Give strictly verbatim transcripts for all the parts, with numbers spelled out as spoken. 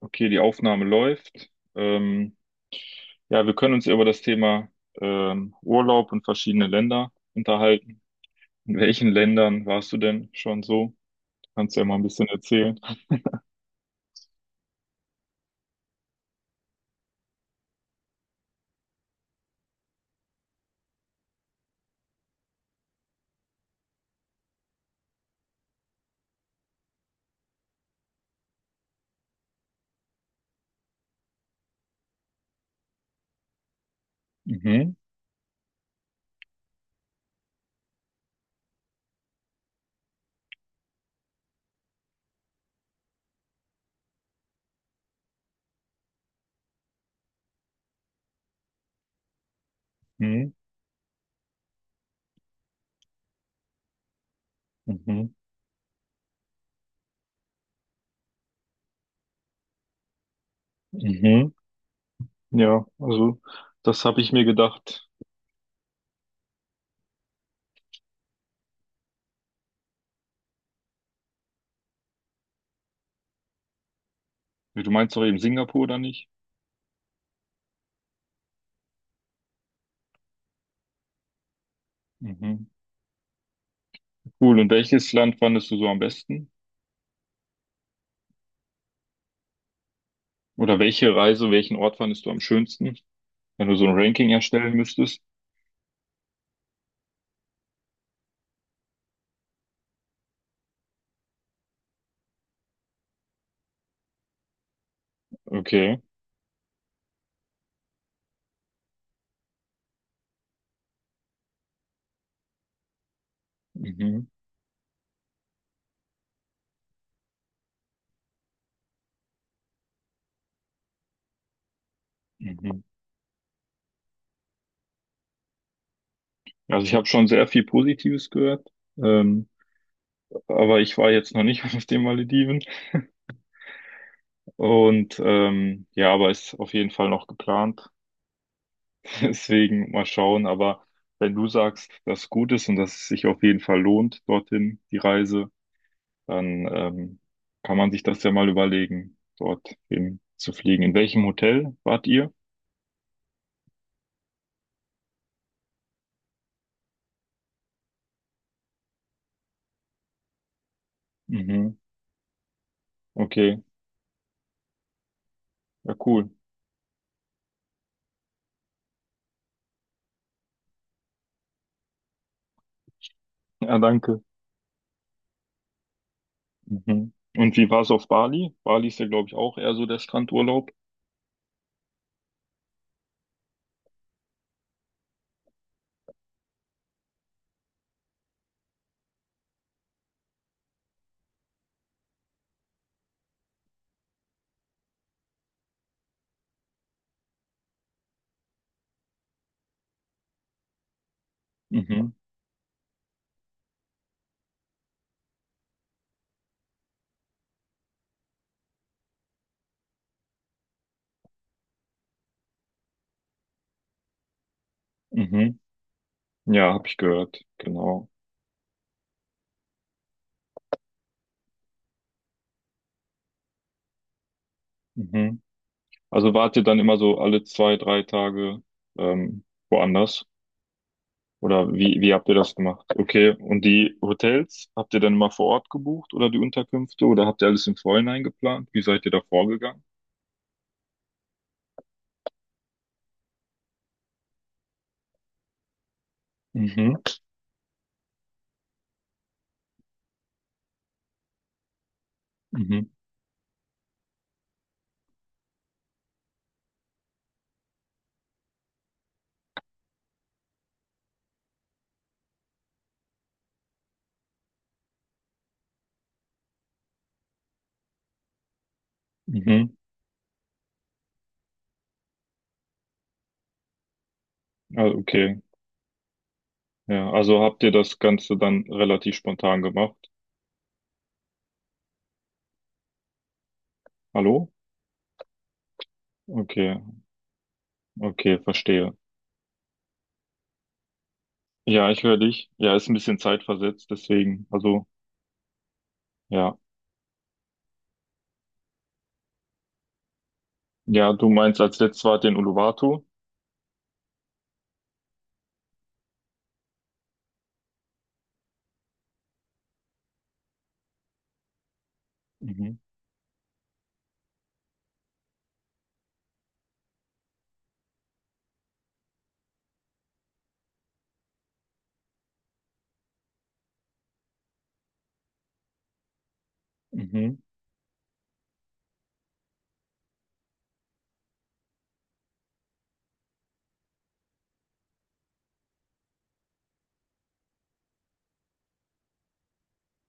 Okay, die Aufnahme läuft. Ähm, ja, wir können uns ja über das Thema ähm, Urlaub und verschiedene Länder unterhalten. In welchen Ländern warst du denn schon so? Kannst du ja mal ein bisschen erzählen. Mhm, mhm, mhm, mhm. Ja, also das habe ich mir gedacht. Ja, Du meinst doch eben Singapur oder nicht? Mhm. Cool. Und welches Land fandest du so am besten? Oder welche Reise, welchen Ort fandest du am schönsten, wenn du so ein Ranking erstellen müsstest? Okay. Mhm. Mhm. Also ich habe schon sehr viel Positives gehört, ähm, aber ich war jetzt noch nicht auf den Malediven und ähm, ja, aber ist auf jeden Fall noch geplant. Deswegen mal schauen. Aber wenn du sagst, dass es gut ist und dass es sich auf jeden Fall lohnt, dorthin die Reise, dann ähm, kann man sich das ja mal überlegen, dort hin zu fliegen. In welchem Hotel wart ihr? Mhm. Okay, ja cool. Ja, danke. Mhm. Und wie war es auf Bali? Bali ist ja, glaube ich, auch eher so der Strandurlaub. Mhm. Mhm. Ja, habe ich gehört, genau. Mhm. Also wart ihr dann immer so alle zwei, drei Tage ähm, woanders? Oder wie, wie habt ihr das gemacht? Okay, und die Hotels, habt ihr dann immer vor Ort gebucht oder die Unterkünfte oder habt ihr alles im Vorhinein geplant? Wie seid ihr da vorgegangen? Mhm. Mhm. Mhm. Also, okay. Ja, also habt ihr das Ganze dann relativ spontan gemacht? Hallo? Okay, okay, verstehe. Ja, ich höre dich. Ja, ist ein bisschen zeitversetzt, deswegen, also, ja. Ja, du meinst als letztes war den Uluwatu? Mhm, mhm,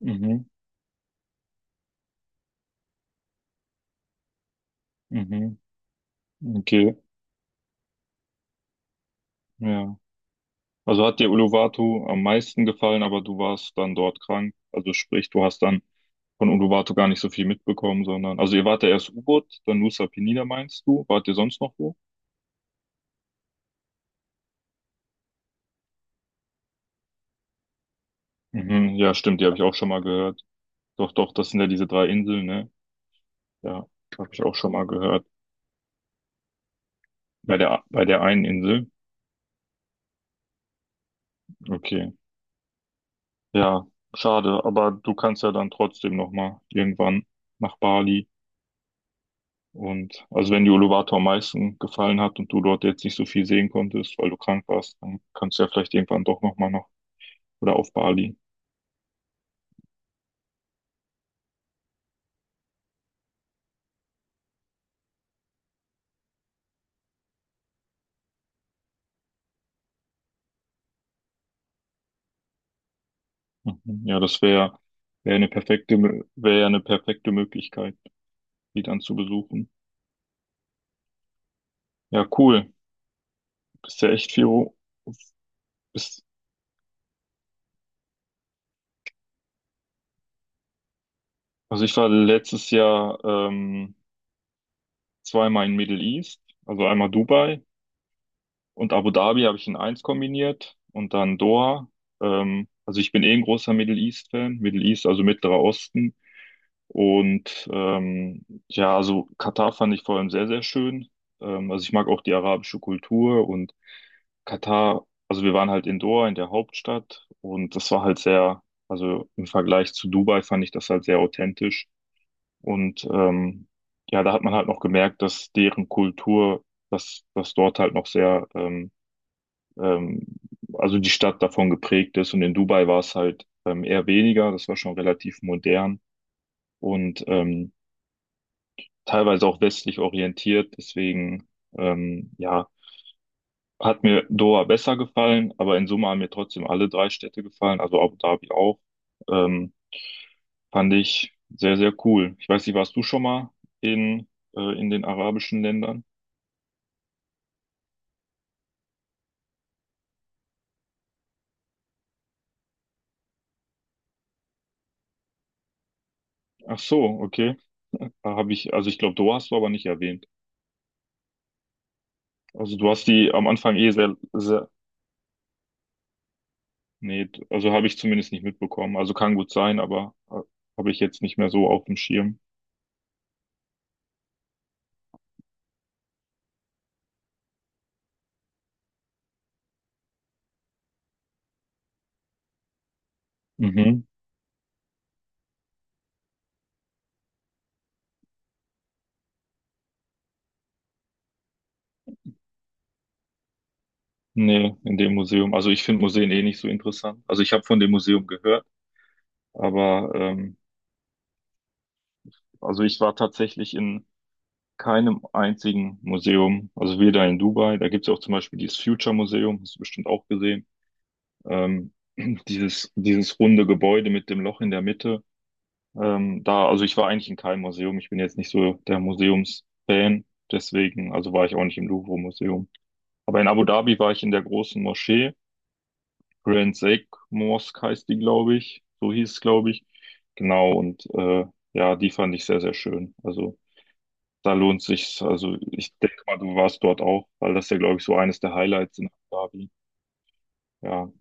mhm, mhm. Okay, ja. Also hat dir Uluwatu am meisten gefallen, aber du warst dann dort krank. Also sprich, du hast dann von Uluwatu gar nicht so viel mitbekommen, sondern, also ihr wart ja erst U-Boot, dann Nusa Penida meinst du? Wart ihr sonst noch wo? Mhm, ja, stimmt, die habe ich auch schon mal gehört. Doch, doch, das sind ja diese drei Inseln, ne? Ja, habe ich auch schon mal gehört. Bei der, bei der einen Insel. Okay. Ja, schade, aber du kannst ja dann trotzdem nochmal irgendwann nach Bali. Und also wenn dir Uluwatu am meisten gefallen hat und du dort jetzt nicht so viel sehen konntest, weil du krank warst, dann kannst du ja vielleicht irgendwann doch nochmal nach oder auf Bali. Mhm. Ja, das wäre wär wär eine perfekte, wäre ja eine perfekte Möglichkeit, die dann zu besuchen. Ja, cool. Bist ja echt viel. ru- Bist, also ich war letztes Jahr ähm, zweimal in Middle East, also einmal Dubai und Abu Dhabi habe ich in eins kombiniert und dann Doha. Ähm, also ich bin eh ein großer Middle East-Fan, Middle East, also Mittlerer Osten. Und ähm, ja, also Katar fand ich vor allem sehr, sehr schön. Ähm, also ich mag auch die arabische Kultur und Katar, also wir waren halt in Doha, in der Hauptstadt und das war halt sehr, also im Vergleich zu Dubai fand ich das halt sehr authentisch. Und ähm, ja, da hat man halt noch gemerkt, dass deren Kultur, dass, dass dort halt noch sehr ähm, ähm, also die Stadt davon geprägt ist. Und in Dubai war es halt ähm, eher weniger, das war schon relativ modern und ähm, teilweise auch westlich orientiert. Deswegen, ähm, ja, hat mir Doha besser gefallen, aber in Summe haben mir trotzdem alle drei Städte gefallen, also Abu Dhabi auch. Ähm, fand ich sehr, sehr cool. Ich weiß nicht, warst du schon mal in, äh, in den arabischen Ländern? Ach so, okay. Da habe ich, also ich glaube, Doha hast du aber nicht erwähnt. Also du hast die am Anfang eh sehr, sehr Nee, also habe ich zumindest nicht mitbekommen. Also kann gut sein, aber äh, habe ich jetzt nicht mehr so auf dem Schirm. Mhm. Nee, in dem Museum. Also ich finde Museen eh nicht so interessant. Also ich habe von dem Museum gehört, aber ähm, also ich war tatsächlich in keinem einzigen Museum. Also weder in Dubai, da gibt's ja auch zum Beispiel dieses Future Museum, hast du bestimmt auch gesehen. Ähm, dieses, dieses runde Gebäude mit dem Loch in der Mitte. Ähm, da, also ich war eigentlich in keinem Museum. Ich bin jetzt nicht so der Museumsfan. Deswegen, also war ich auch nicht im Louvre-Museum. Aber in Abu Dhabi war ich in der großen Moschee. Grand Sheikh Mosque heißt die, glaube ich. So hieß es, glaube ich. Genau, und äh, ja, die fand ich sehr, sehr schön. Also da lohnt sich's. Also ich denke mal, du warst dort auch, weil das ja, glaube ich, so eines der Highlights in Abu Dhabi. Ja,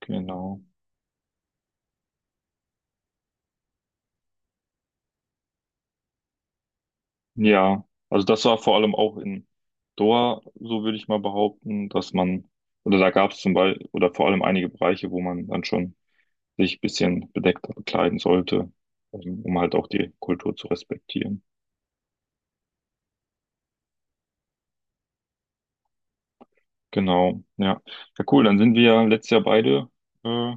genau. Ja, also das war vor allem auch in Doha, so würde ich mal behaupten, dass man, oder da gab es zum Beispiel, oder vor allem einige Bereiche, wo man dann schon sich ein bisschen bedeckter bekleiden sollte, ähm, um halt auch die Kultur zu respektieren. Genau, ja. Ja, cool, dann sind wir ja letztes Jahr beide äh,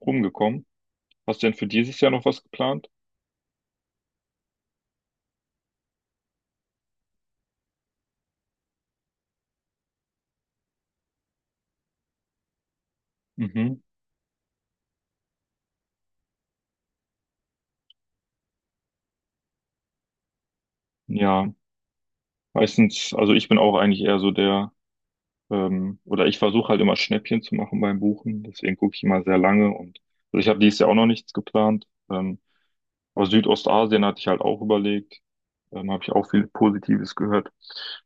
rumgekommen. Hast du denn für dieses Jahr noch was geplant? Mhm. Ja, meistens, also ich bin auch eigentlich eher so der Ähm, oder ich versuche halt immer Schnäppchen zu machen beim Buchen. Deswegen gucke ich immer sehr lange und also ich habe dieses Jahr auch noch nichts geplant. Ähm, aber Südostasien hatte ich halt auch überlegt. Ähm, habe ich auch viel Positives gehört.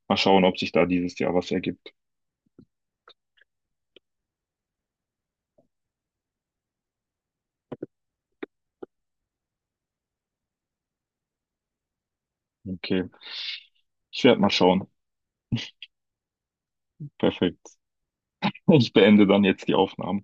Mal schauen, ob sich da dieses Jahr was ergibt. Okay, ich werde mal schauen. Perfekt. Ich beende dann jetzt die Aufnahme.